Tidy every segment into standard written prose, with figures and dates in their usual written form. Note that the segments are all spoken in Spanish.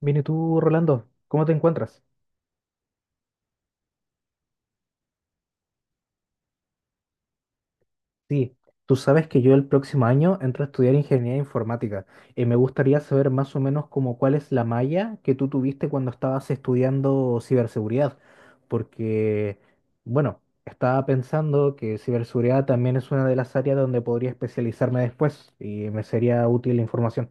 Bien, ¿y tú, Rolando? ¿Cómo te encuentras? Sí, tú sabes que yo el próximo año entro a estudiar ingeniería informática y me gustaría saber más o menos como cuál es la malla que tú tuviste cuando estabas estudiando ciberseguridad, porque, bueno, estaba pensando que ciberseguridad también es una de las áreas donde podría especializarme después y me sería útil la información.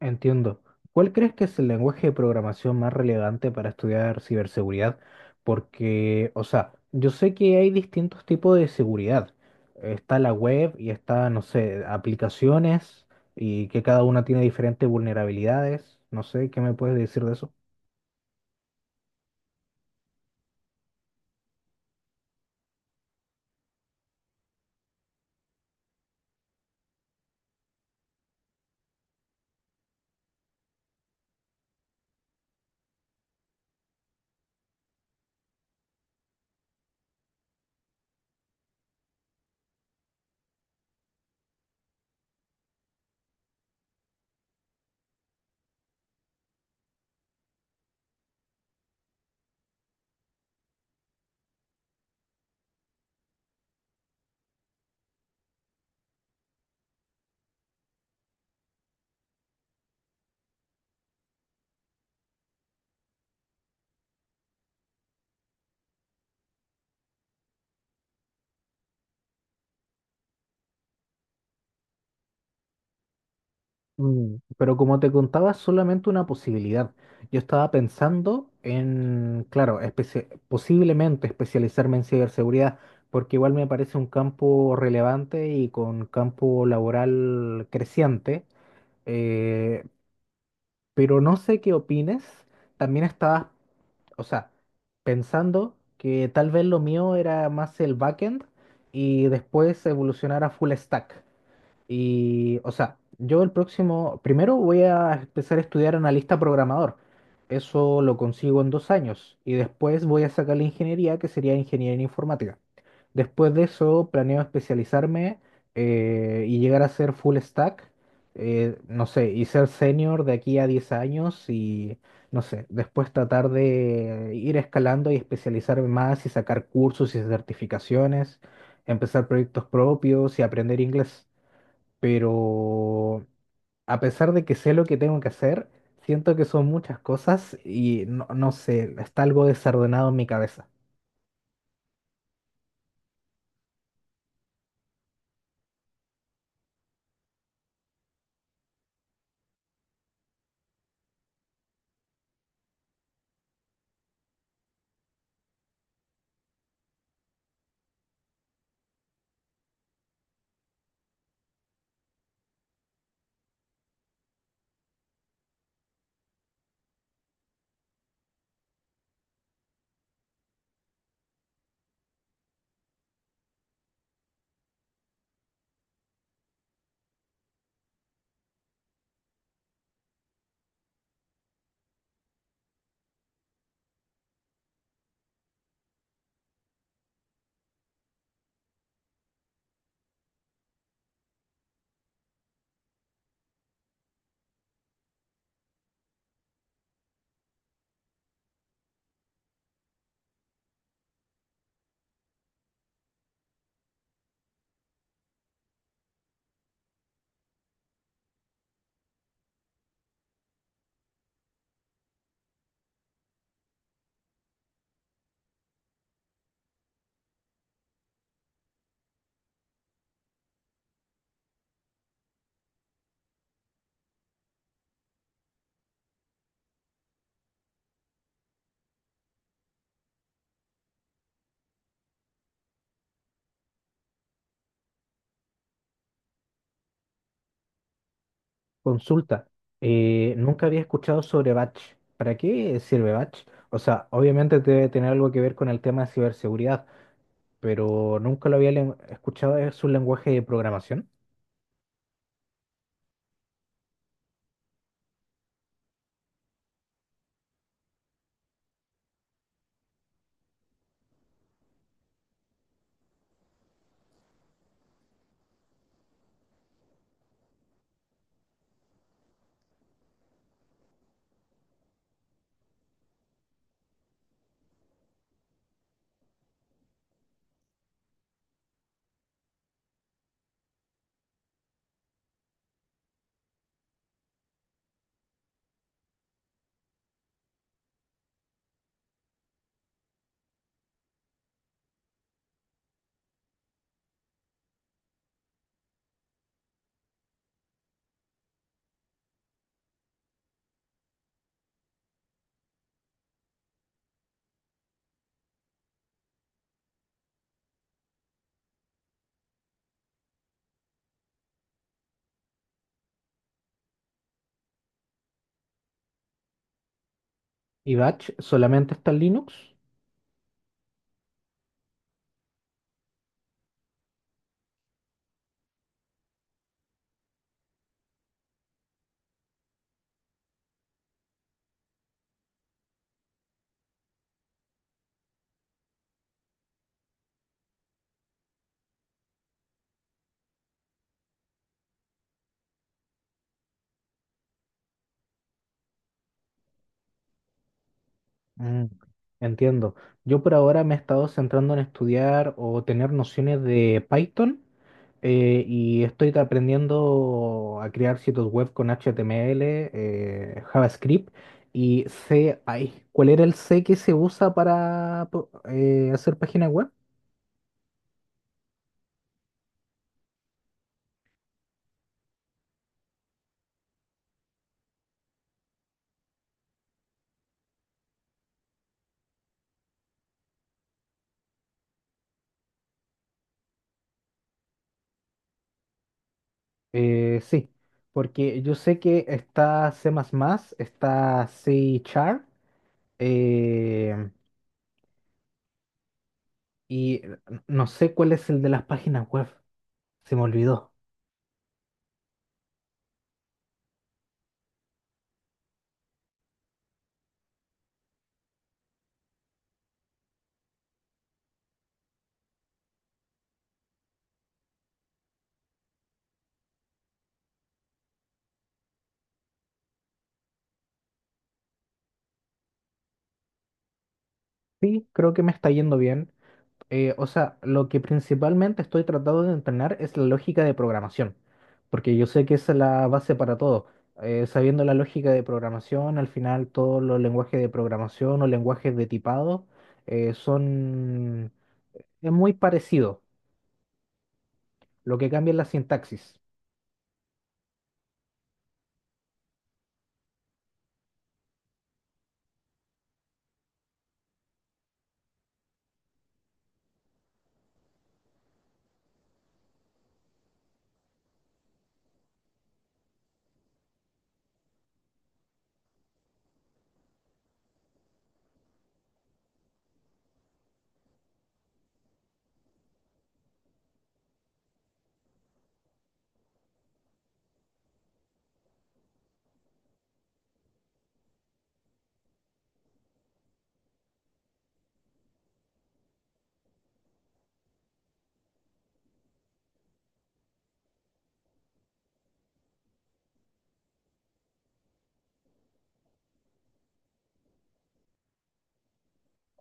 Entiendo. ¿Cuál crees que es el lenguaje de programación más relevante para estudiar ciberseguridad? Porque, o sea, yo sé que hay distintos tipos de seguridad. Está la web y está, no sé, aplicaciones y que cada una tiene diferentes vulnerabilidades. No sé, ¿qué me puedes decir de eso? Mm, pero como te contaba, es solamente una posibilidad. Yo estaba pensando en, claro, posiblemente especializarme en ciberseguridad, porque igual me parece un campo relevante y con campo laboral creciente. eh, pero no sé qué opines. También estaba, o sea, pensando que tal vez lo mío era más el backend y después evolucionar a full stack. Y, o sea, yo el próximo, primero voy a empezar a estudiar analista programador. Eso lo consigo en 2 años. Y después voy a sacar la ingeniería, que sería ingeniería en informática. Después de eso, planeo especializarme y llegar a ser full stack. No sé, y ser senior de aquí a 10 años y, no sé, después tratar de ir escalando y especializarme más y sacar cursos y certificaciones, empezar proyectos propios y aprender inglés, pero a pesar de que sé lo que tengo que hacer, siento que son muchas cosas y no sé, está algo desordenado en mi cabeza. Consulta, nunca había escuchado sobre Batch. ¿Para qué sirve Batch? O sea, obviamente debe tener algo que ver con el tema de ciberseguridad, pero nunca lo había escuchado, es un lenguaje de programación. ¿Y Batch solamente está en Linux? Mm, entiendo. Yo por ahora me he estado centrando en estudiar o tener nociones de Python, y estoy aprendiendo a crear sitios web con HTML, JavaScript y C. Ay, ¿cuál era el C que se usa para hacer páginas web? Sí, porque yo sé que está C++, está C Char eh, y no sé cuál es el de las páginas web. Se me olvidó. Sí, creo que me está yendo bien. O sea, lo que principalmente estoy tratando de entrenar es la lógica de programación, porque yo sé que esa es la base para todo. Sabiendo la lógica de programación, al final todos los lenguajes de programación o lenguajes de tipado son... es muy parecido. Lo que cambia es la sintaxis.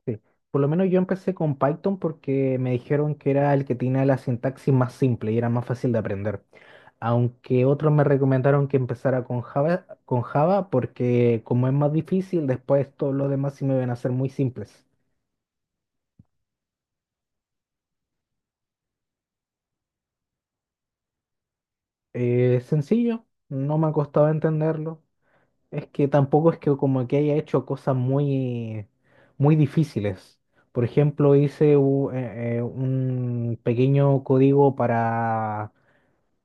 Sí. Por lo menos yo empecé con Python porque me dijeron que era el que tenía la sintaxis más simple y era más fácil de aprender. Aunque otros me recomendaron que empezara con Java porque como es más difícil, después todos los demás sí me van a ser muy simples. Sencillo, no me ha costado entenderlo. Es que tampoco es que como que haya hecho cosas muy difíciles. Por ejemplo, hice un pequeño código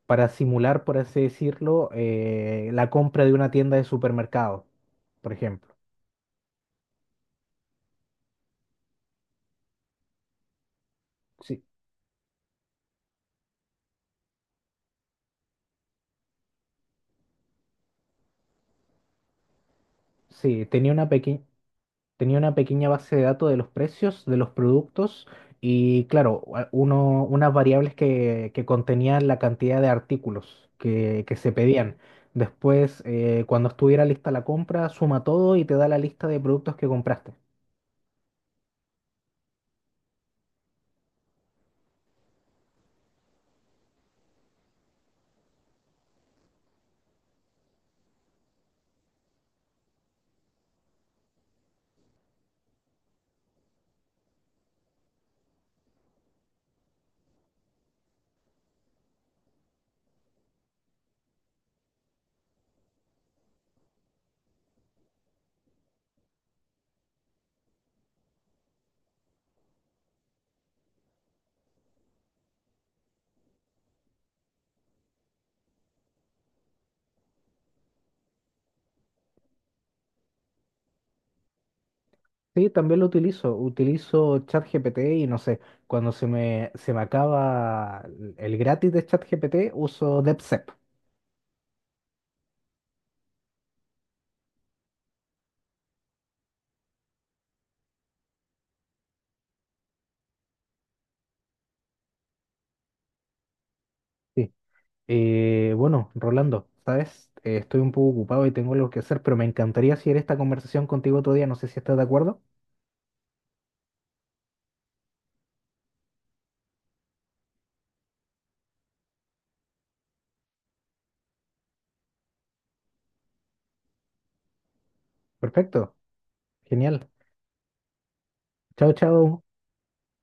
para simular, por así decirlo, la compra de una tienda de supermercado, por ejemplo. Sí, sí, tenía una pequeña base de datos de los precios de los productos y, claro, uno, unas variables que contenían la cantidad de artículos que se pedían. Después, cuando estuviera lista la compra, suma todo y te da la lista de productos que compraste. Sí, también lo utilizo. Utilizo ChatGPT y no sé, cuando se me acaba el gratis de ChatGPT, uso DeepSeek. Sí. Bueno, Rolando, ¿sabes? Estoy un poco ocupado y tengo algo que hacer, pero me encantaría seguir esta conversación contigo otro día. No sé si estás de acuerdo. Perfecto, genial. Chao, chao.